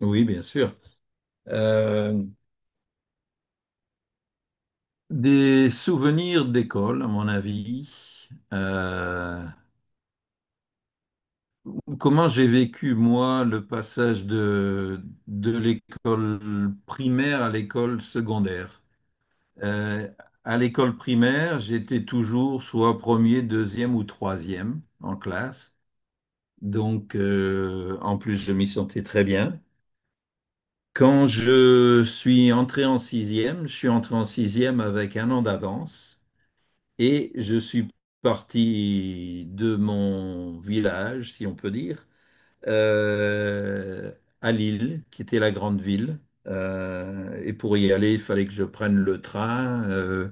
Oui, bien sûr. Euh, des souvenirs d'école, à mon avis. Comment j'ai vécu, moi, le passage de l'école primaire à l'école secondaire. Euh, à l'école primaire, j'étais toujours soit premier, deuxième ou troisième en classe. Donc, en plus, je m'y sentais très bien. Quand je suis entré en sixième, je suis entré en sixième avec un an d'avance. Et je suis parti de mon village, si on peut dire, euh, à Lille, qui était la grande ville. Et pour y aller, il fallait que je prenne le train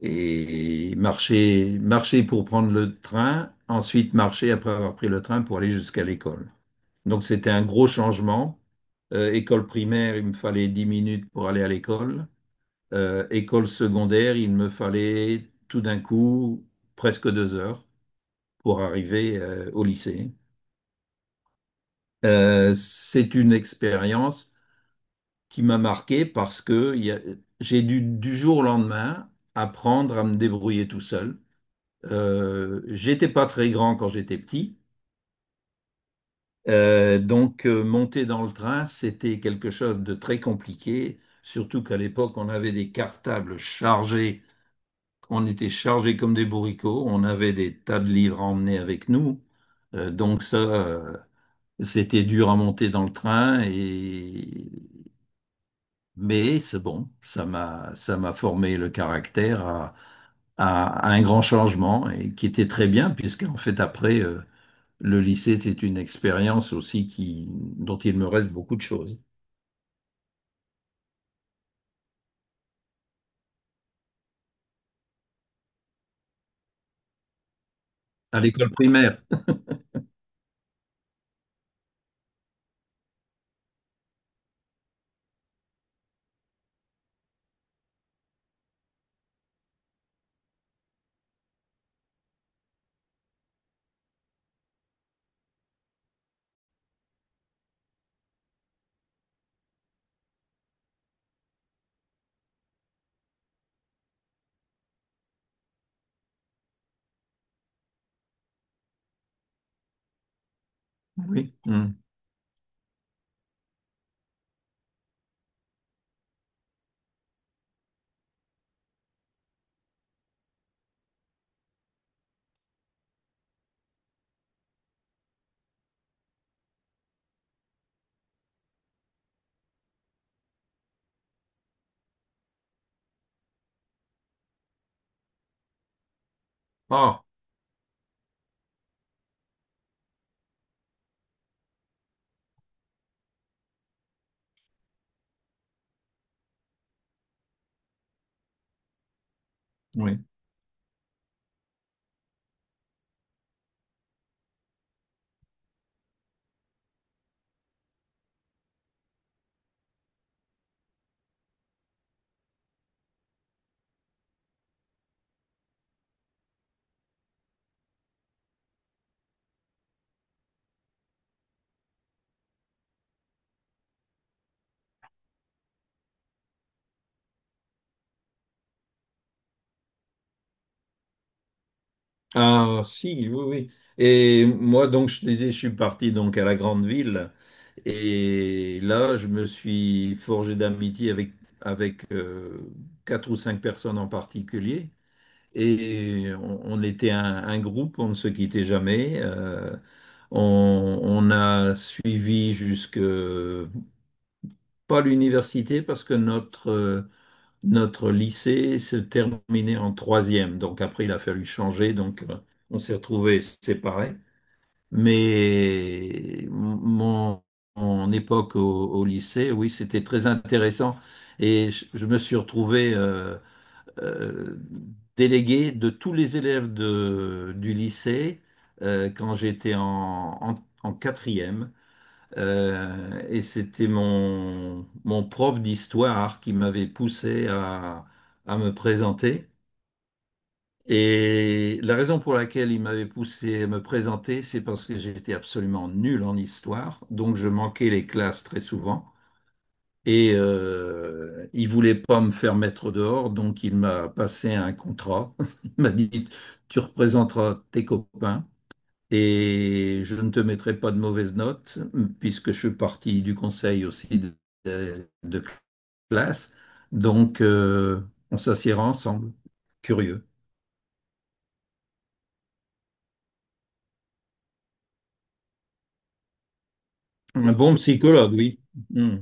et marcher, marcher pour prendre le train, ensuite marcher après avoir pris le train pour aller jusqu'à l'école. Donc c'était un gros changement. École primaire, il me fallait 10 minutes pour aller à l'école. École secondaire, il me fallait tout d'un coup presque 2 heures pour arriver au lycée. C'est une expérience qui m'a marqué parce que j'ai dû du jour au lendemain apprendre à me débrouiller tout seul. J'étais pas très grand quand j'étais petit. Donc, monter dans le train, c'était quelque chose de très compliqué, surtout qu'à l'époque, on avait des cartables chargés. On était chargés comme des bourricots, on avait des tas de livres à emmener avec nous. Donc ça, c'était dur à monter dans le train et mais c'est bon, ça m'a formé le caractère à un grand changement et qui était très bien puisqu'en fait après le lycée c'est une expérience aussi qui dont il me reste beaucoup de choses. À l'école primaire. Oui. Mm. Ah, oui. Ah, si, oui, oui. Et moi, donc, je te disais, je suis parti donc à la grande ville. Et là, je me suis forgé d'amitié avec, avec euh, quatre ou cinq personnes en particulier. Et on était un groupe, on ne se quittait jamais. On a suivi jusque, pas l'université, parce que notre lycée se terminait en troisième. Donc après, il a fallu changer. Donc, on s'est retrouvés séparés. Mais mon époque au lycée, oui, c'était très intéressant. Et je me suis retrouvé euh, délégué de tous les élèves du lycée quand j'étais en quatrième. Et c'était mon prof d'histoire qui m'avait poussé à me présenter. Et la raison pour laquelle il m'avait poussé à me présenter, c'est parce que j'étais absolument nul en histoire, donc je manquais les classes très souvent. Et il voulait pas me faire mettre dehors, donc il m'a passé un contrat. Il m'a dit, tu représenteras tes copains. Et je ne te mettrai pas de mauvaises notes, puisque je suis parti du conseil aussi de classe. Donc, on s'assiera ensemble. Curieux. Un bon psychologue, oui. Hmm.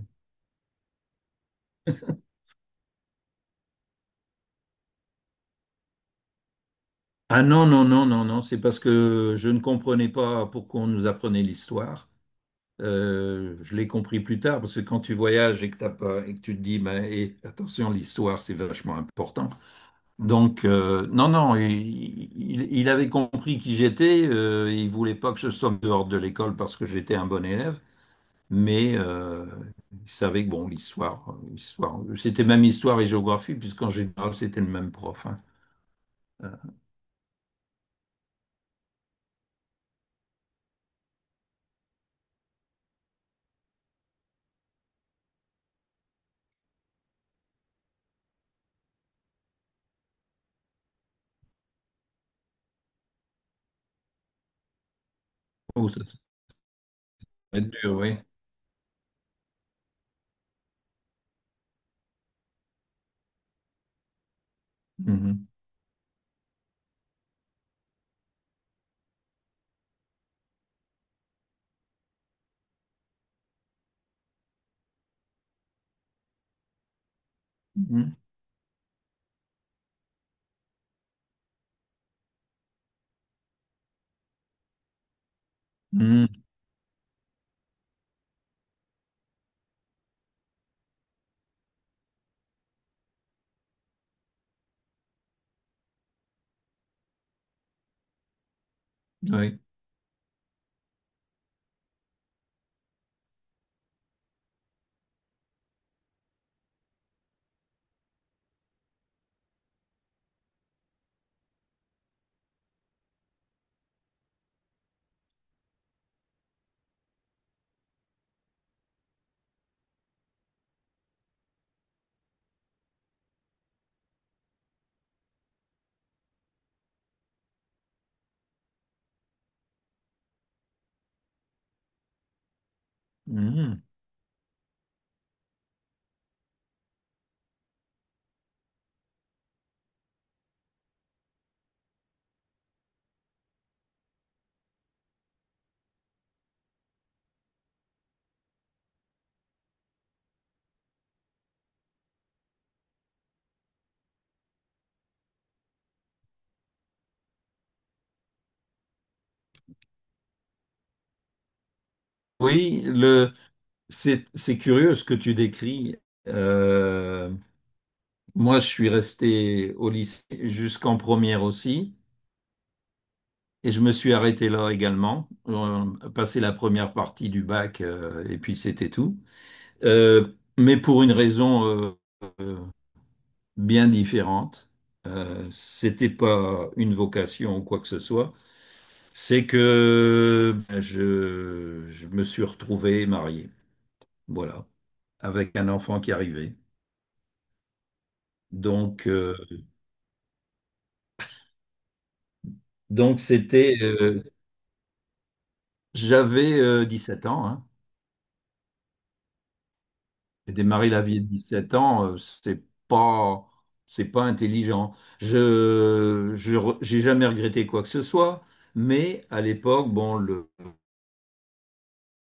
Ah non, non, non, non, non, c'est parce que je ne comprenais pas pourquoi on nous apprenait l'histoire. Je l'ai compris plus tard, parce que quand tu voyages et que t'as pas, et que tu te dis, ben, et attention, l'histoire, c'est vachement important. Donc, non, non, il avait compris qui j'étais. Il voulait pas que je sorte dehors de l'école parce que j'étais un bon élève, mais il savait que, bon, l'histoire, l'histoire, c'était même histoire et géographie, puisqu'en général, c'était le même prof, hein. Euh, oh, ça va être dur, oui. Mhm. Mhm. Mhm. Oui. Mhm. Oui, c'est curieux ce que tu décris. Euh, Moi, je suis resté au lycée jusqu'en première aussi, et je me suis arrêté là également. On a passé la première partie du bac, et puis c'était tout. Mais pour une raison euh, bien différente, c'était pas une vocation ou quoi que ce soit. C'est que ben, je me suis retrouvé marié. Voilà, avec un enfant qui arrivait. Donc, euh, donc, j'avais 7 ans, hein. J'ai démarré la vie à 17 ans. C'est pas intelligent. J'ai jamais regretté quoi que ce soit, mais à l'époque, bon, le,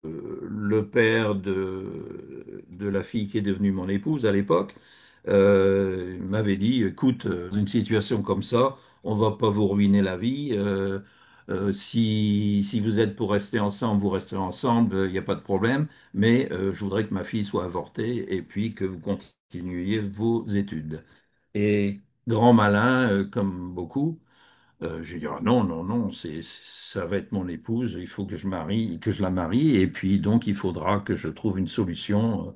euh, le père de la fille qui est devenue mon épouse à l'époque. Il m'avait dit, écoute, une situation comme ça, on va pas vous ruiner la vie. Si vous êtes pour rester ensemble, vous resterez ensemble, il n'y a pas de problème. Mais je voudrais que ma fille soit avortée et puis que vous continuiez vos études. Et grand malin, comme beaucoup, je vais dire, ah non, non, non, ça va être mon épouse, il faut que je marie, que je la marie, et puis donc il faudra que je trouve une solution,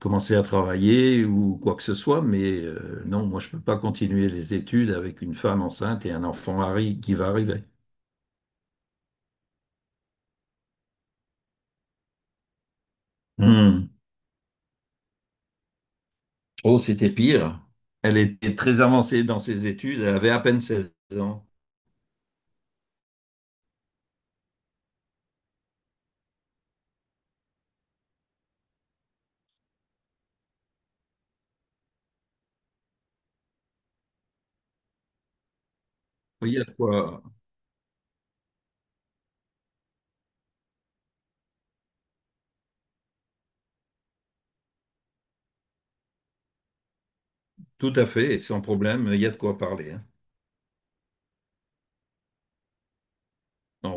commencer à travailler ou quoi que ce soit, mais non, moi je peux pas continuer les études avec une femme enceinte et un enfant qui va arriver. Hmm. Oh, c'était pire. Elle était très avancée dans ses études, elle avait à peine 16 ans. Il y a de quoi, tout à fait, sans problème, il y a de quoi parler, hein.